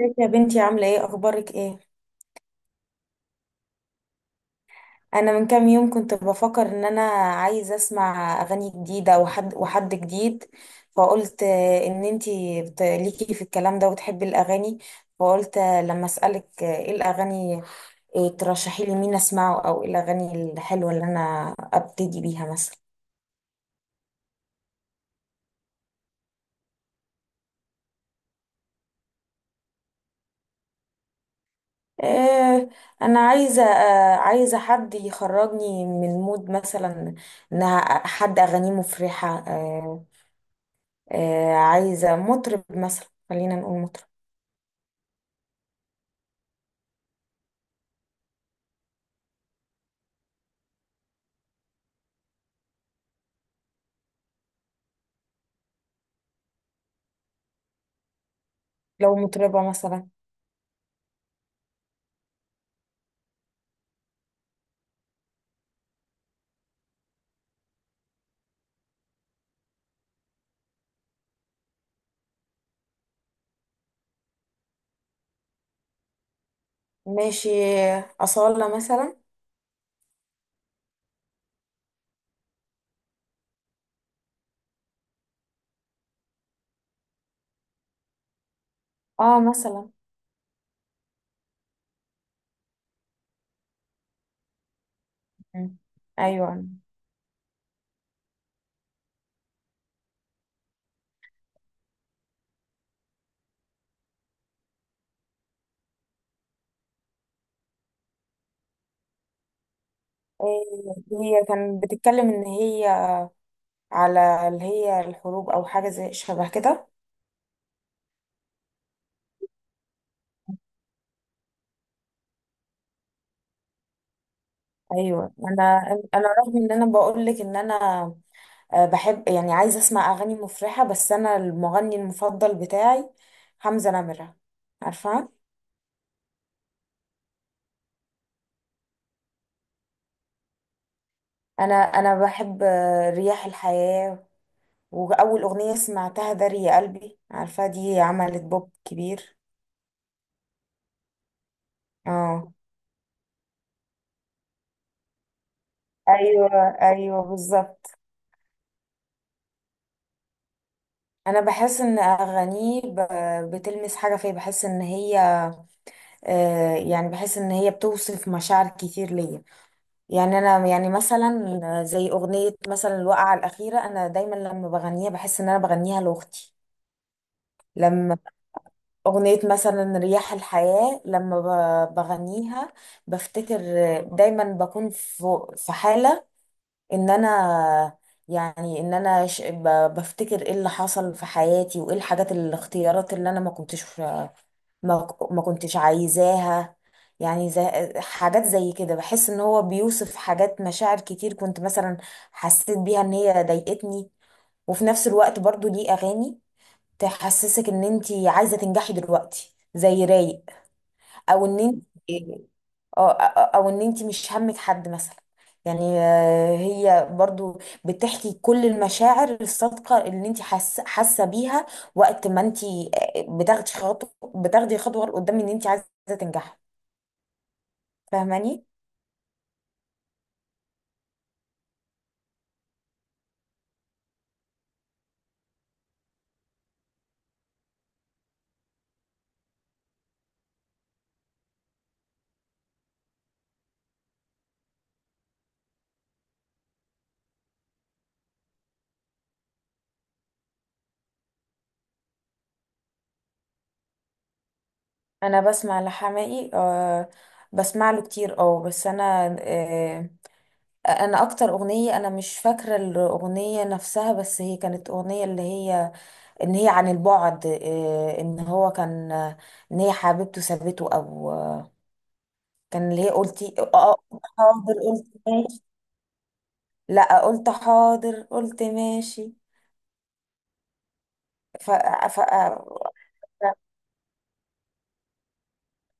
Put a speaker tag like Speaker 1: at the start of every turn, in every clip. Speaker 1: ازيك يا بنتي؟ عاملة ايه؟ اخبارك ايه؟ انا من كام يوم كنت بفكر ان انا عايزة اسمع اغاني جديدة وحد جديد. فقلت ان انتي ليكي في الكلام ده وتحبي الاغاني. فقلت لما اسألك ايه الاغاني؟ ترشحي لي مين اسمعه او ايه الاغاني الحلوة اللي انا ابتدي بيها مثلا؟ آه، انا عايزة حد يخرجني من مود مثلا، ان حد اغانيه مفرحة. عايزة مطرب، مثلا خلينا نقول مطرب، لو مطربة مثلا. ماشي، أصالة مثلا. اه، مثلا. مم. أيوة. آه، هي كانت بتتكلم إن هي على اللي هي الحروب أو حاجة زي شبه كده. أيوة، أنا رغم إن أنا بقولك إن أنا بحب، يعني عايزة أسمع أغاني مفرحة، بس أنا المغني المفضل بتاعي حمزة نمرة، عارفة؟ أنا بحب رياح الحياة، واول اغنيه سمعتها داري يا قلبي، عارفه، دي عملت بوب كبير. اه، ايوه، ايوه بالظبط. انا بحس ان اغانيه بتلمس حاجه فيا، بحس ان هي يعني بحس ان هي بتوصف مشاعر كتير ليا. يعني انا يعني مثلا زي اغنيه مثلا الوقعه الاخيره، انا دايما لما بغنيها بحس ان انا بغنيها لاختي. لما اغنيه مثلا رياح الحياه، لما بغنيها بفتكر، دايما بكون في حاله ان انا، يعني ان انا بفتكر ايه اللي حصل في حياتي وايه الحاجات، الاختيارات اللي انا ما كنتش، ما كنتش عايزاها. يعني زي حاجات زي كده، بحس ان هو بيوصف حاجات، مشاعر كتير كنت مثلا حسيت بيها ان هي ضايقتني. وفي نفس الوقت برضو ليه اغاني تحسسك ان انت عايزة تنجحي دلوقتي زي رايق، او ان انت، اه، او ان انت مش همك حد مثلا. يعني هي برضو بتحكي كل المشاعر الصادقة اللي انت حاسة بيها وقت ما انت، بتاخدي خطوة بتاخدي خطوة لقدام، ان انت عايزة تنجحي. فاهماني؟ انا بسمع لحماقي، أه، بسمع له كتير. اه، بس انا، أه، انا اكتر اغنية، انا مش فاكرة الاغنية نفسها، بس هي كانت اغنية اللي هي ان هي عن البعد، ان هو كان، ان هي حبيبته سابته، او كان اللي هي قلتي اه، قلت حاضر قلت ماشي. لا، قلت حاضر قلت ماشي. ف... ف...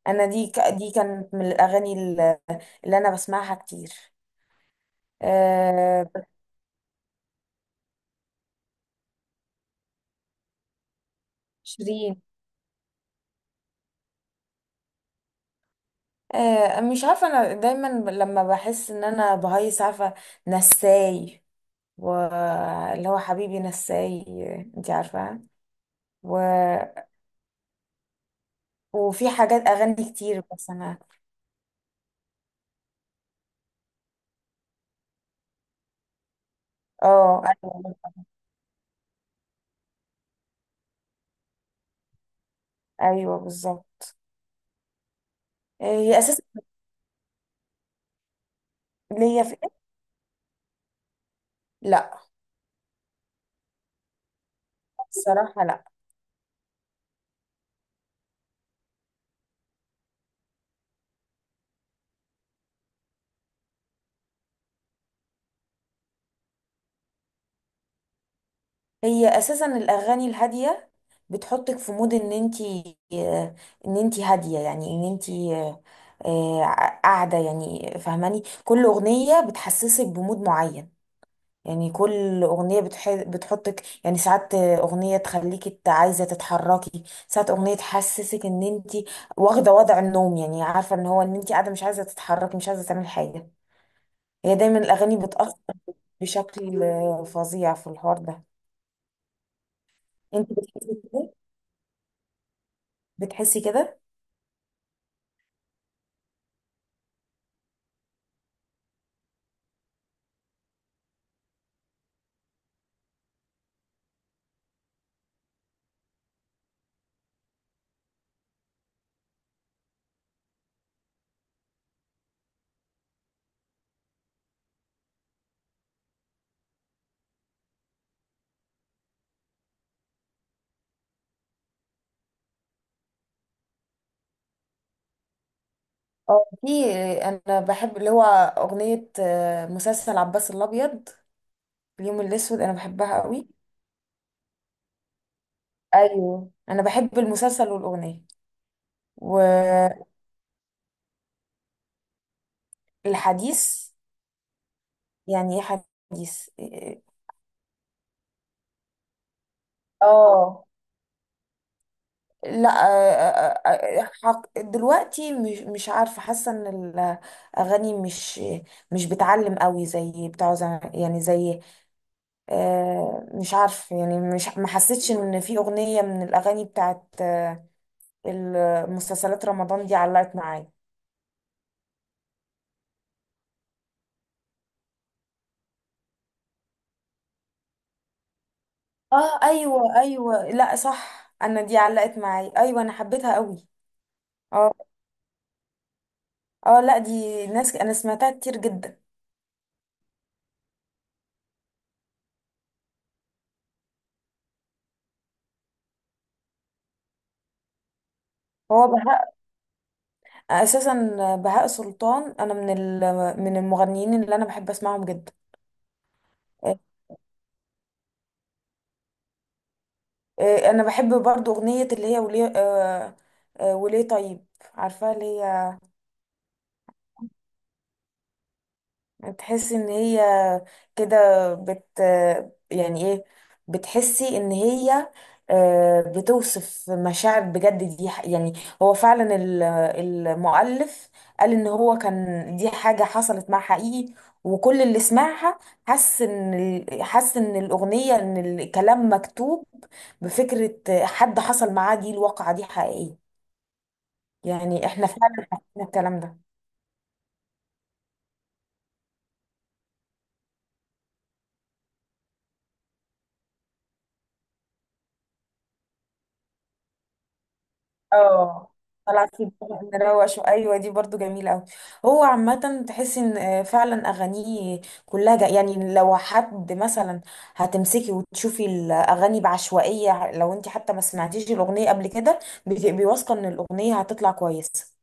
Speaker 1: انا دي دي كانت من الاغاني اللي انا بسمعها كتير. آه، شيرين. مش عارفه، انا دايما لما بحس ان انا بهيص، عارفه، نساي، واللي هو حبيبي نساي، انت عارفه. وفي حاجات اغاني كتير بس انا. اه، ايوه، ايوه بالظبط. هي اساسا ليا في إيه؟ لا، الصراحه لا. هي اساسا الاغاني الهاديه بتحطك في مود ان انتي، ان انتي هاديه، يعني ان انتي قاعده، يعني فاهماني؟ كل اغنيه بتحسسك بمود معين. يعني كل أغنية بتحطك، يعني ساعات أغنية تخليكي عايزة تتحركي، ساعات أغنية تحسسك إن أنتي واخدة وضع النوم، يعني عارفة إن هو، إن أنتي قاعدة مش عايزة تتحركي، مش عايزة تعملي حاجة. هي دايما الأغاني بتأثر بشكل فظيع في الحوار ده. أنتي بتحسي كده؟ بتحسي كده؟ اه، في. أنا بحب اللي هو أغنية مسلسل عباس الأبيض، اليوم الأسود، أنا بحبها قوي. أيوه أنا بحب المسلسل والأغنية. والحديث، يعني حديث إيه؟ اه، لا، دلوقتي، مش عارفة، حاسة ان الاغاني مش، مش بتعلم قوي زي بتاع زمان، يعني زي، مش عارفة، يعني مش، ما حسيتش ان في اغنية من الاغاني بتاعت المسلسلات، رمضان دي علقت معايا. اه، ايوه، ايوه، لا صح، انا دي علقت معايا، ايوه انا حبيتها قوي. اه، اه، لا، دي ناس انا سمعتها كتير جدا. هو اساسا بهاء سلطان، انا من من المغنيين اللي انا بحب اسمعهم جدا. آه، انا بحب برضو اغنيه اللي هي وليه، وليه طيب، عارفاها، اللي هي تحسي ان هي كده بت، يعني ايه، بتحسي ان هي بتوصف مشاعر بجد. دي يعني هو فعلا المؤلف قال ان هو كان دي حاجة حصلت مع حقيقي، وكل اللي سمعها حس ان حس ان الاغنية، ان الكلام مكتوب بفكرة حد حصل معاه، دي الواقعة دي حقيقية. يعني احنا فعلا حسينا الكلام ده. اه، طلع في بقى مروق شو، ايوه دي برضو جميله قوي. هو عامه تحس ان فعلا اغانيه كلها جا، يعني لو حد مثلا هتمسكي وتشوفي الاغاني بعشوائيه، لو انت حتى ما سمعتيش الاغنيه قبل كده، بتبقي واثقه ان الاغنيه هتطلع كويسه.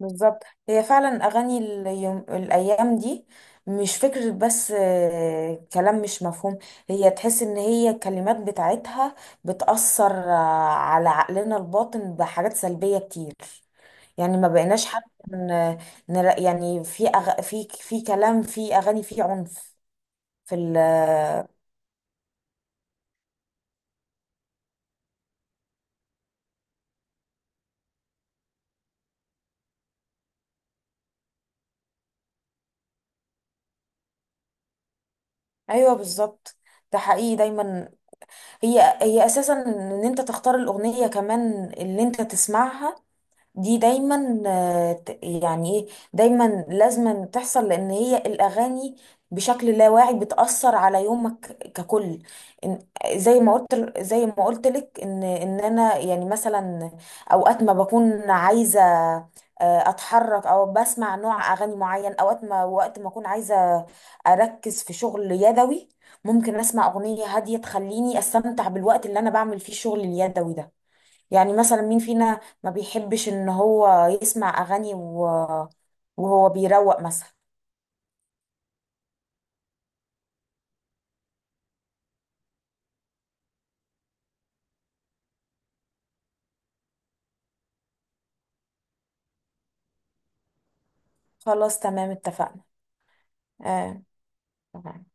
Speaker 1: بالظبط، هي فعلا اغاني اليوم، الايام دي مش فكرة، بس كلام مش مفهوم. هي تحس ان هي الكلمات بتاعتها بتأثر على عقلنا الباطن بحاجات سلبية كتير. يعني ما بقيناش حتى يعني، في في كلام، في اغاني، في عنف، في ال... ايوه بالظبط. ده حقيقي دايما، هي اساسا ان انت تختار الاغنية كمان اللي انت تسمعها. دي دايما يعني ايه، دايما لازما تحصل، لان هي الاغاني بشكل لا واعي بتأثر على يومك ككل. إن- زي ما قلت لك ان ان انا، يعني مثلا، اوقات ما بكون عايزة اتحرك او بسمع نوع اغاني معين، اوقات ما، وقت ما اكون عايزة اركز في شغل يدوي، ممكن اسمع اغنية هادية تخليني استمتع بالوقت اللي انا بعمل فيه الشغل اليدوي ده. يعني مثلا مين فينا ما بيحبش ان هو يسمع اغاني وهو بيروق مثلا. خلاص، تمام، اتفقنا. آه. تمام.